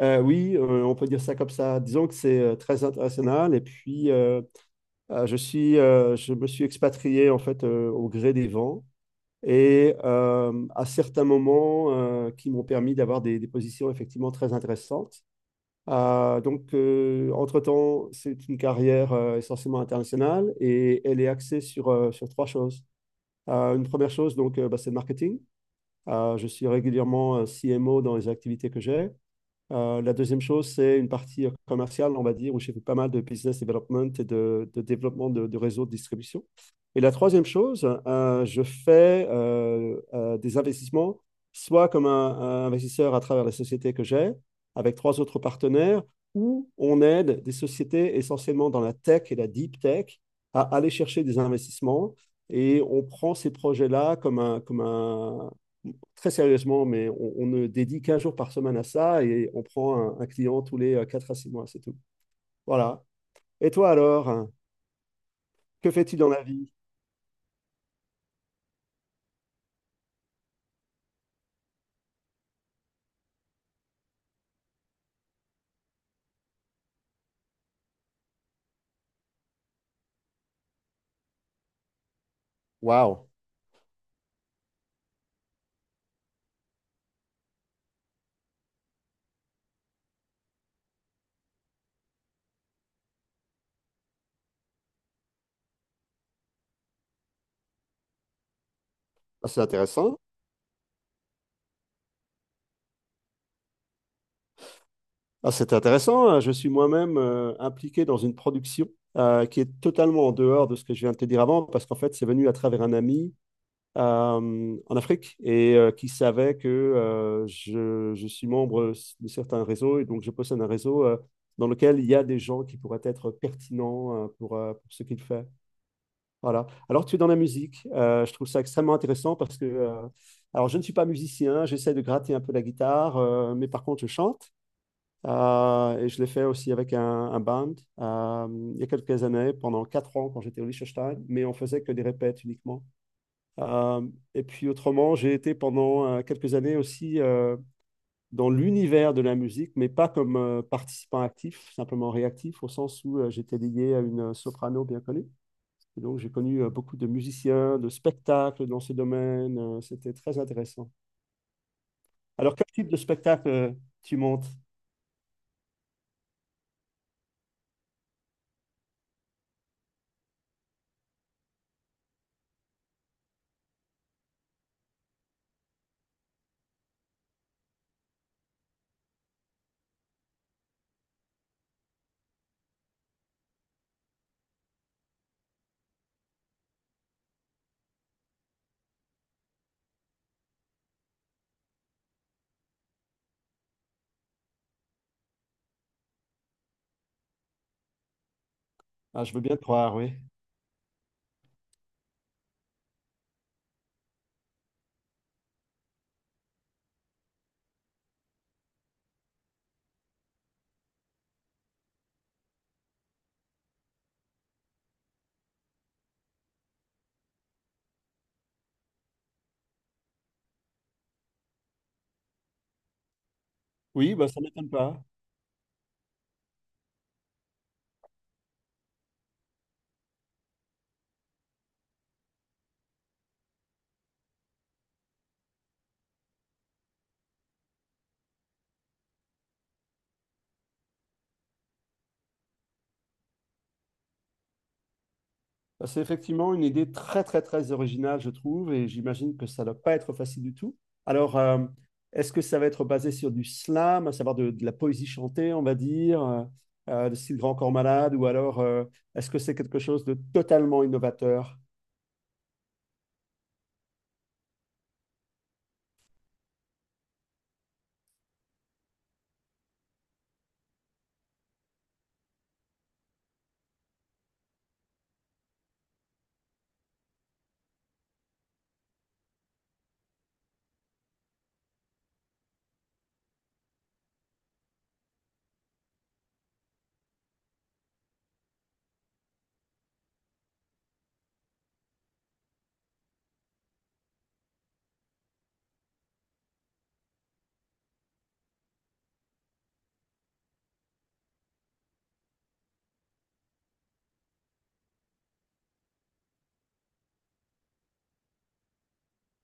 Oui, on peut dire ça comme ça. Disons que c'est très international. Et puis, je me suis expatrié en fait au gré des vents et à certains moments qui m'ont permis d'avoir des positions effectivement très intéressantes. Donc, entre-temps, c'est une carrière essentiellement internationale et elle est axée sur trois choses. Une première chose, donc, bah, c'est le marketing. Je suis régulièrement CMO dans les activités que j'ai. La deuxième chose, c'est une partie commerciale, on va dire, où j'ai fait pas mal de business development et de développement de réseaux de distribution. Et la troisième chose, je fais des investissements, soit comme un investisseur à travers la société que j'ai, avec trois autres partenaires, où on aide des sociétés essentiellement dans la tech et la deep tech à aller chercher des investissements. Et on prend ces projets-là très sérieusement, mais on ne dédie qu'un jour par semaine à ça et on prend un client tous les 4 à 6 mois, c'est tout. Voilà. Et toi alors, hein, que fais-tu dans la vie? Waouh. Ah, c'est intéressant. Ah, c'est intéressant, hein. Je suis moi-même impliqué dans une production qui est totalement en dehors de ce que je viens de te dire avant, parce qu'en fait, c'est venu à travers un ami en Afrique et qui savait que je suis membre de certains réseaux, et donc je possède un réseau dans lequel il y a des gens qui pourraient être pertinents pour ce qu'il fait. Voilà. Alors tu es dans la musique. Je trouve ça extrêmement intéressant parce que, alors je ne suis pas musicien, j'essaie de gratter un peu la guitare, mais par contre je chante. Et je l'ai fait aussi avec un band, euh, il y a quelques années, pendant 4 ans quand j'étais au Liechtenstein, mais on faisait que des répètes uniquement. Euh, et puis autrement, j'ai été pendant quelques années aussi, dans l'univers de la musique, mais pas comme participant actif, simplement réactif, au sens où j'étais lié à une soprano bien connue. Et donc j'ai connu beaucoup de musiciens, de spectacles dans ce domaine. C'était très intéressant. Alors quel type de spectacle tu montes? Ah, je veux bien te croire, oui. Oui, bah, ça ne m'étonne pas. Bah, c'est effectivement une idée très, très, très originale, je trouve, et j'imagine que ça ne doit pas être facile du tout. Alors, est-ce que ça va être basé sur du slam, à savoir de la poésie chantée, on va dire, de style Grand Corps Malade, ou alors est-ce que c'est quelque chose de totalement innovateur?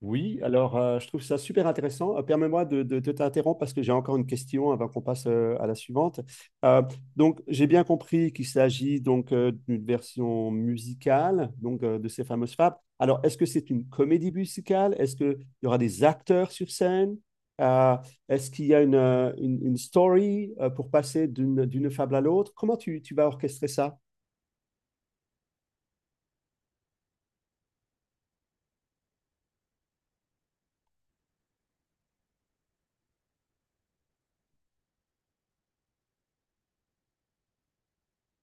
Oui, alors je trouve ça super intéressant. Permets-moi de t'interrompre parce que j'ai encore une question avant qu'on passe à la suivante. Euh, donc, j'ai bien compris qu'il s'agit donc d'une version musicale donc de ces fameuses fables. Alors, est-ce que c'est une comédie musicale? Est-ce qu'il y aura des acteurs sur scène? Euh, Est-ce qu'il y a une story pour passer d'une fable à l'autre? Comment tu vas orchestrer ça?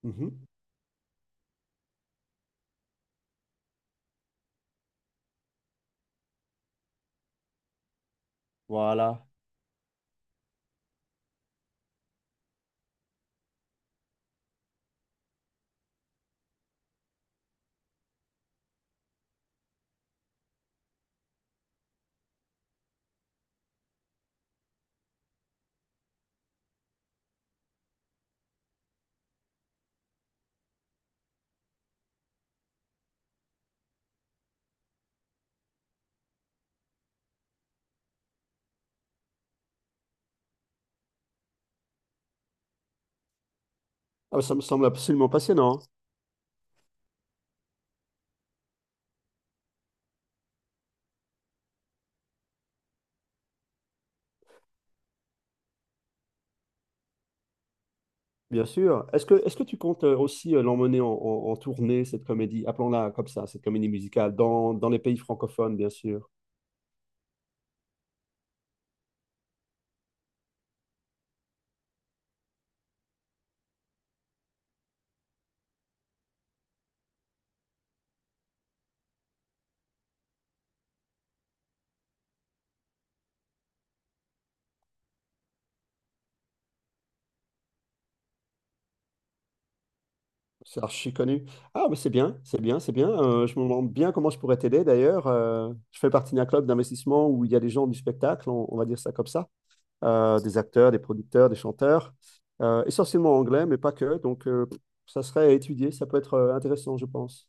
Mhm. Voilà. Ah, ça me semble absolument passionnant. Bien sûr. Est-ce que tu comptes aussi l'emmener en tournée, cette comédie, appelons-la comme ça, cette comédie musicale, dans les pays francophones, bien sûr. C'est archi connu. Ah, mais c'est bien, c'est bien, c'est bien. Je me demande bien comment je pourrais t'aider d'ailleurs. Je fais partie d'un club d'investissement où il y a des gens du spectacle, on va dire ça comme ça. Des acteurs, des producteurs, des chanteurs, essentiellement anglais, mais pas que. Donc, ça serait à étudier, ça peut être intéressant, je pense.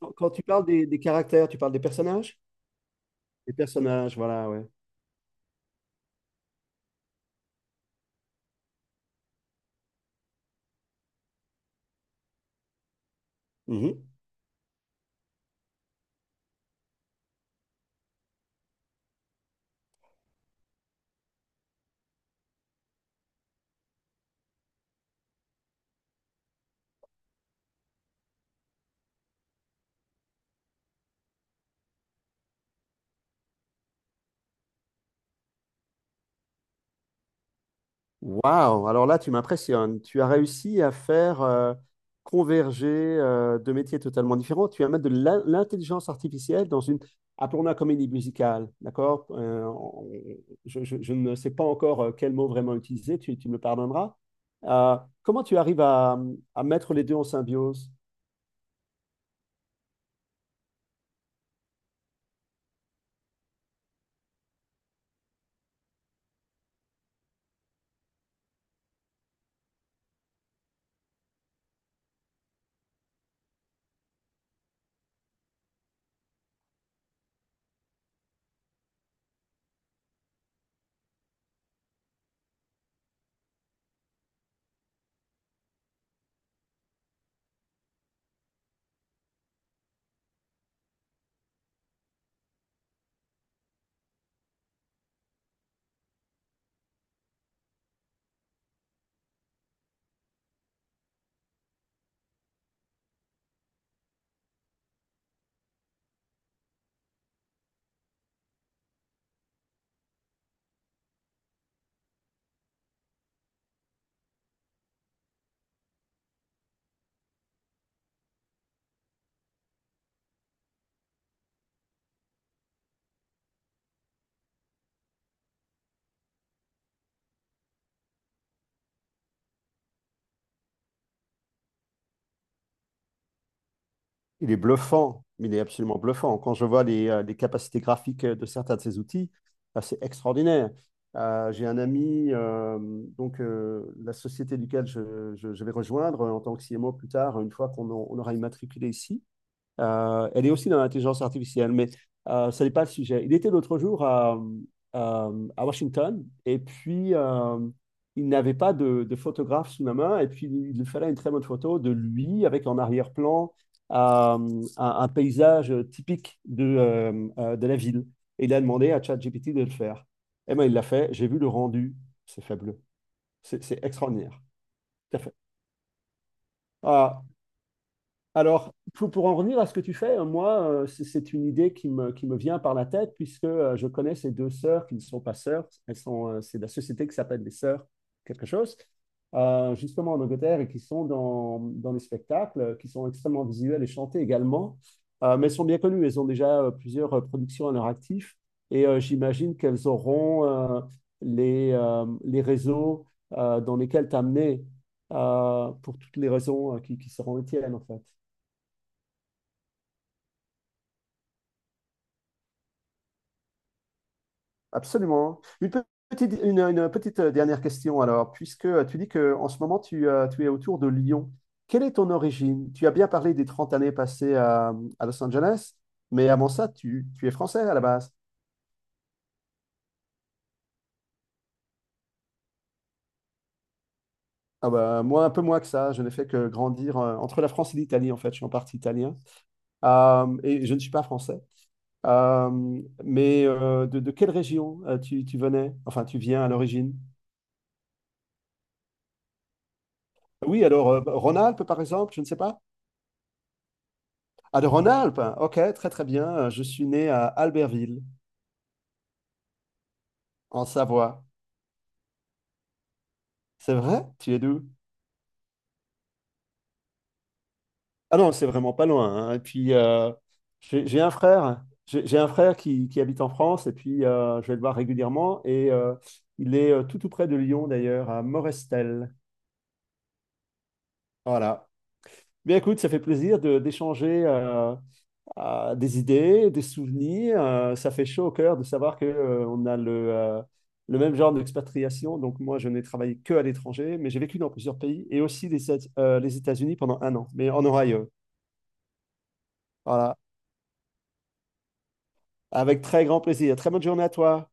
Quand tu parles des caractères, tu parles des personnages? Des personnages, voilà, ouais. Waouh! Alors là, tu m'impressionnes. Tu as réussi à faire converger deux métiers totalement différents. Tu vas mettre de l'intelligence artificielle dans une, appelons-la comédie musicale, d'accord? Je ne sais pas encore quel mot vraiment utiliser, tu me le pardonneras. Euh, Comment tu arrives à mettre les deux en symbiose? Il est bluffant, il est absolument bluffant. Quand je vois les capacités graphiques de certains de ces outils, c'est extraordinaire. J'ai un ami, donc la société duquel je vais rejoindre en tant que CMO plus tard, une fois on aura immatriculé ici, elle est aussi dans l'intelligence artificielle, mais ce n'est pas le sujet. Il était l'autre jour à- à Washington et puis il n'avait pas de photographe sous la main et puis il lui fallait une très bonne photo de lui avec en arrière-plan un paysage typique de la ville. Et il a demandé à ChatGPT de le faire. Et ben il l'a fait. J'ai vu le rendu. C'est fabuleux. C'est extraordinaire. Tout à fait. Ah. Alors, pour en revenir à ce que tu fais, moi, c'est une idée qui me vient par la tête, puisque je connais ces deux sœurs qui ne sont pas sœurs. C'est de la société qui s'appelle les sœurs quelque chose, justement en Angleterre, et qui sont dans les spectacles, qui sont extrêmement visuels et chantés également. Mais elles sont bien connues, elles ont déjà plusieurs productions à leur actif, et j'imagine qu'elles auront les réseaux dans lesquels t'amener pour toutes les raisons qui seront les tiennes, en fait. Absolument. Une petite dernière question alors, puisque tu dis que en ce moment tu es autour de Lyon, quelle est ton origine? Tu as bien parlé des 30 années passées à Los Angeles, mais avant ça, tu es français à la base. Ah bah, moi, un peu moins que ça, je n'ai fait que grandir entre la France et l'Italie en fait, je suis en partie italien. Et je ne suis pas français. Mais de quelle région tu venais? Enfin, tu viens à l'origine? Oui, alors Rhône-Alpes par exemple, je ne sais pas. Ah, de Rhône-Alpes? Hein. Ok, très très bien. Je suis né à Albertville, en Savoie. C'est vrai? Tu es d'où? Ah non, c'est vraiment pas loin, hein. Et puis, j'ai un frère. J'ai un frère qui habite en France et puis je vais le voir régulièrement. Et il est tout tout près de Lyon, d'ailleurs, à Morestel. Voilà. Bien, écoute, ça fait plaisir de d'échanger des idées, des souvenirs. Ça fait chaud au cœur de savoir on a le même genre d'expatriation. Donc moi, je n'ai travaillé que à l'étranger, mais j'ai vécu dans plusieurs pays et aussi les États-Unis pendant un an, mais en Ohio. Voilà, avec très grand plaisir. Très bonne journée à toi.